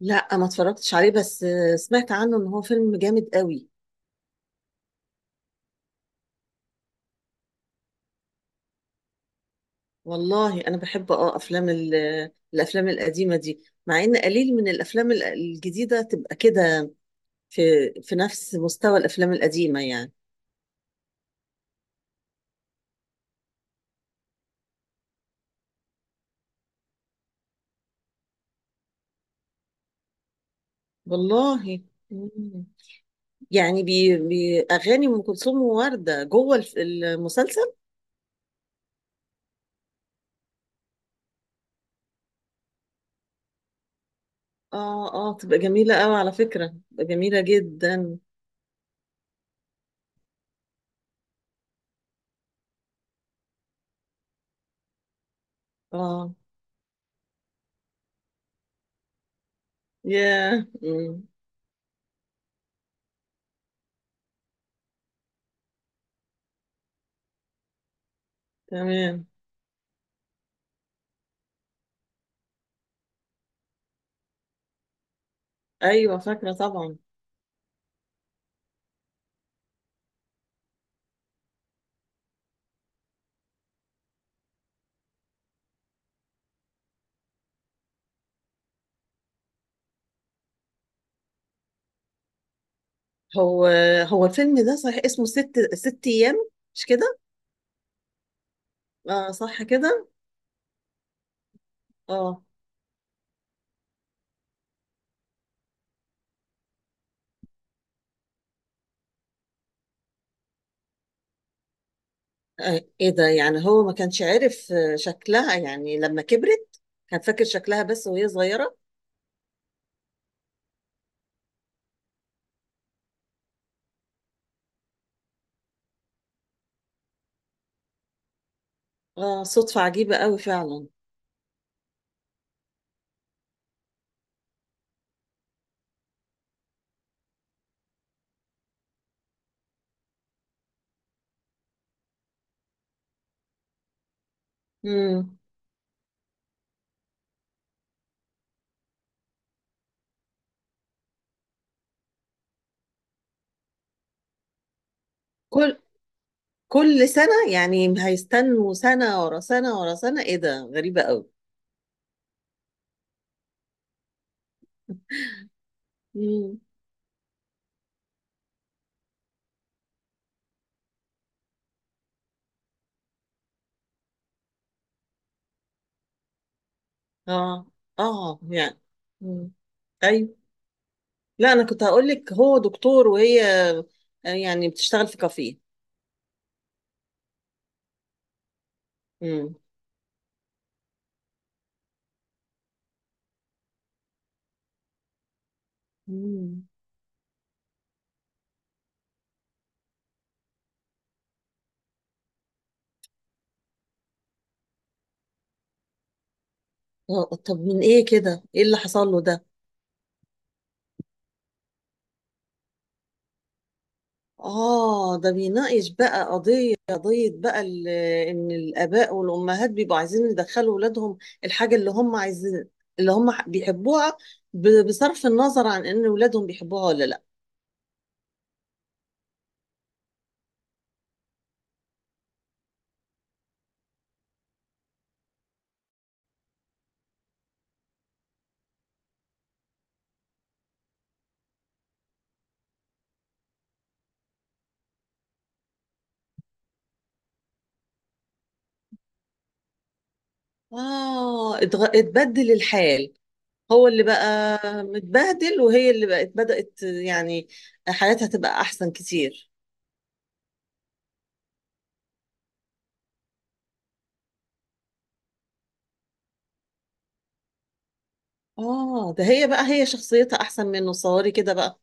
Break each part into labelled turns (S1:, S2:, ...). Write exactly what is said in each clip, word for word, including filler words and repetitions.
S1: لا، ما اتفرجتش عليه بس آه، سمعت عنه ان هو فيلم جامد قوي. والله انا بحب اه افلام ال- الافلام القديمه دي، مع ان قليل من الافلام ال- الجديده تبقى كده في في نفس مستوى الافلام القديمه يعني. والله. مم. يعني بي بي اغاني ام كلثوم وورده جوه الف- المسلسل. اه، اه، تبقى جميله قوي على فكره، تبقى جميله جدا. اه، ياه. مم. تمام. ايوه فاكره طبعا. هو هو الفيلم ده صحيح اسمه ست ست ايام، مش كده؟ اه، صح كده؟ اه. آه، ايه ده، يعني هو ما كانش عارف آه، شكلها يعني لما كبرت؟ كان فاكر شكلها بس وهي صغيرة. اه، صدفة عجيبة قوي فعلا. مم. كل كل سنة يعني هيستنوا سنة ورا سنة ورا سنة؟ ايه ده غريبة قوي. مم. اه، اه، يعني. مم. ايوه. لا، انا كنت هقول لك هو دكتور وهي آه، يعني بتشتغل في كافيه. مم. مم. آه، طب من ايه كده، ايه اللي حصل له ده؟ اه، ده بيناقش بقى قضية قضية بقى ال- ان الاباء والامهات بيبقوا عايزين يدخلوا ولادهم الحاجة اللي هم عايزين، اللي هم ح- بيحبوها، ب- بصرف النظر عن ان ولادهم بيحبوها ولا لا. اه، اتغ... اتبدل الحال. هو اللي بقى متبهدل، وهي اللي بقت بدأت يعني حياتها تبقى احسن كتير. اه، ده هي بقى هي شخصيتها احسن منه، صوري كده بقى.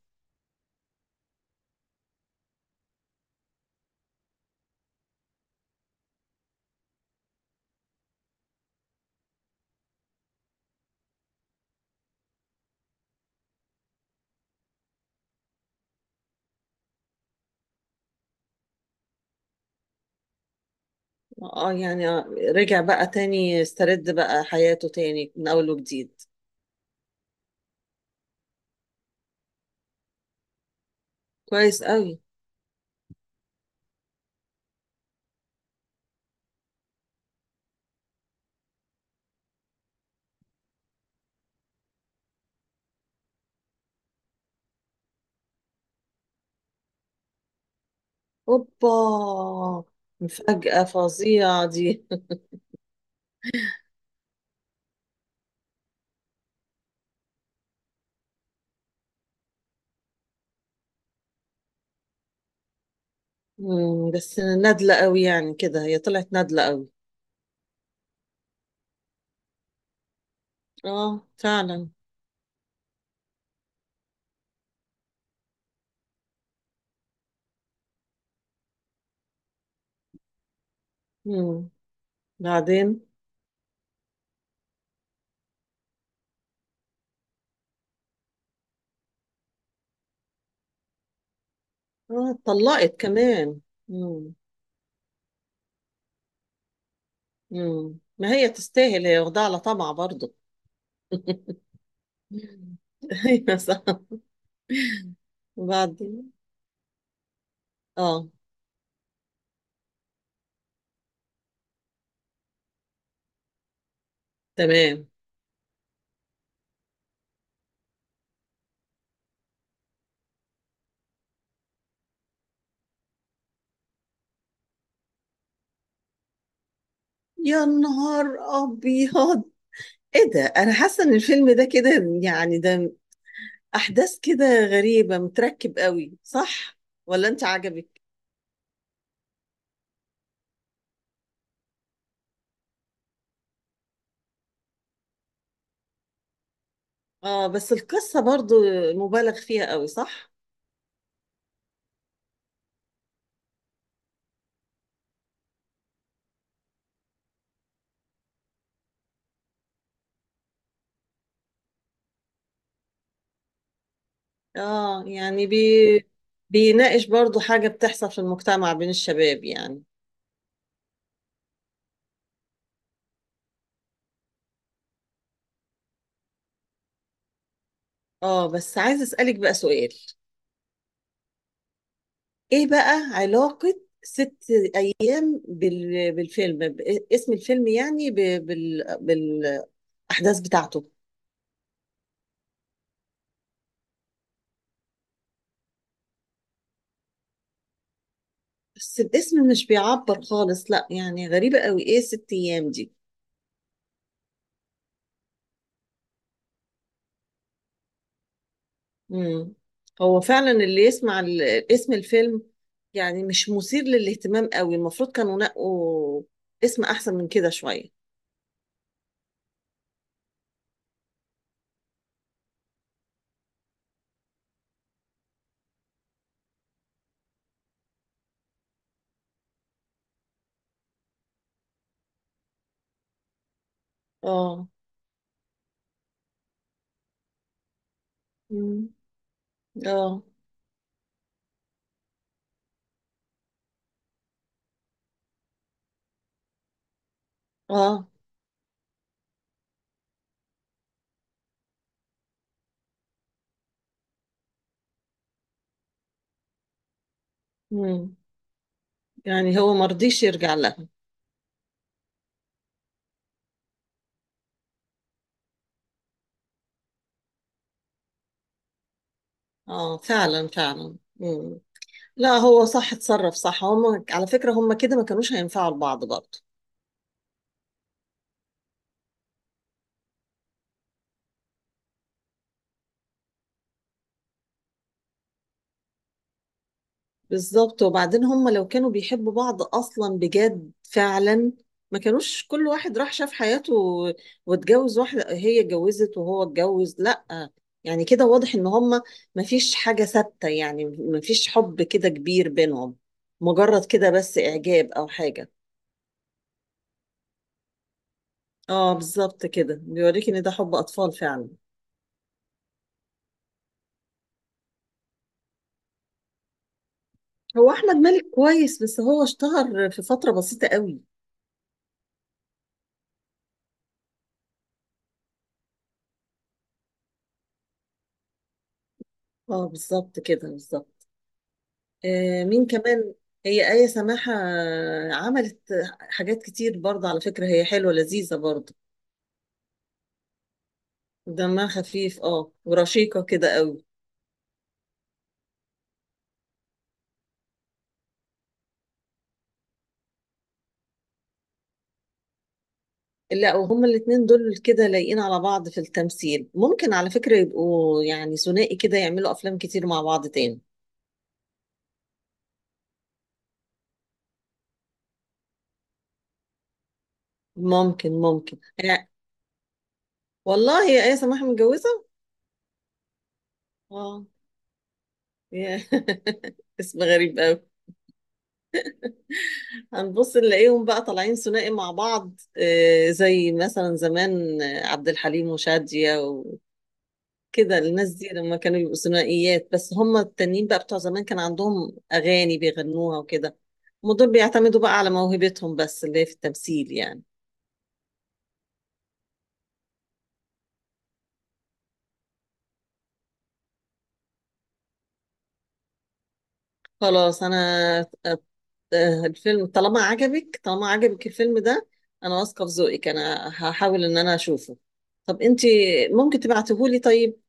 S1: اه، يعني آه، رجع بقى تاني، استرد بقى حياته تاني من اول وجديد. كويس قوي. اوبا. مفاجأة فظيعة دي. مم، بس نادلة قوي يعني كده، هي طلعت نادلة قوي. اه فعلا. مم. بعدين. اه، اتطلقت كمان. مم. مم. ما هي تستاهل، هي واخدة على طمع برضه. ايوه صح. وبعدين. اه. تمام. يا نهار ابيض، ايه ده، انا حاسه ان الفيلم ده كده يعني، ده احداث كده غريبه، متركب قوي صح؟ ولا انت عجبك؟ اه، بس القصه برضو مبالغ فيها قوي صح. اه، يعني بي بيناقش برضو حاجه بتحصل في المجتمع بين الشباب يعني. اه، بس عايزه اسالك بقى سؤال. ايه بقى علاقه ست ايام بال... بالفيلم، ب- اسم الفيلم يعني، ب... بال... بالاحداث بتاعته؟ بس الاسم مش بيعبر خالص لا، يعني غريبة قوي، ايه ست ايام دي؟ مم. هو فعلا اللي يسمع ال- اسم الفيلم يعني مش مثير للاهتمام قوي، المفروض كانوا نقوا اسم احسن من كده شوية. اه. مم. اه، اه. مم. يعني هو مرضيش يرجع لها. اه فعلا، فعلا. مم. لا، هو صح، اتصرف صح، هم على فكرة هم كده ما كانوش هينفعوا لبعض برضه. بالظبط، وبعدين هم لو كانوا بيحبوا بعض اصلا بجد فعلا ما كانوش كل واحد راح شاف حياته و- واتجوز واحده، هي اتجوزت وهو اتجوز لا. يعني كده واضح ان هم ما فيش حاجه ثابته، يعني ما فيش حب كده كبير بينهم، مجرد كده بس اعجاب او حاجه. اه بالظبط، كده بيوريك ان ده حب اطفال فعلا. هو احمد مالك كويس، بس هو اشتهر في فتره بسيطه قوي. اه بالظبط كده، بالظبط. آه، مين كمان؟ هي آية سماحة عملت حاجات كتير برضه على فكرة، هي حلوة لذيذة برضه. دمها خفيف اه، ورشيقة كده قوي. لا، وهما الاتنين دول كده لايقين على بعض في التمثيل، ممكن على فكرة يبقوا يعني ثنائي كده، يعملوا أفلام كتير مع بعض تاني. ممكن، ممكن يعني. والله هي آية سماحة متجوزة. اه. يا. اسم غريب قوي. هنبص نلاقيهم بقى طالعين ثنائي مع بعض، آه، زي مثلا زمان آه، عبد الحليم وشادية وكده، الناس دي لما كانوا يبقوا ثنائيات، بس هم التانيين بقى بتوع زمان كان عندهم أغاني بيغنوها وكده. هم دول بيعتمدوا بقى على موهبتهم بس اللي هي في التمثيل يعني. خلاص أنا. آه، آه، الفيلم طالما عجبك، طالما عجبك الفيلم ده، أنا واثقة في ذوقك، أنا هحاول إن أنا أشوفه. طب انت ممكن تبعتهولي طيب؟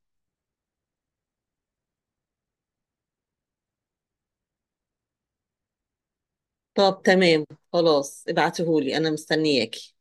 S1: طب تمام، خلاص، ابعتهولي انا مستنياكي.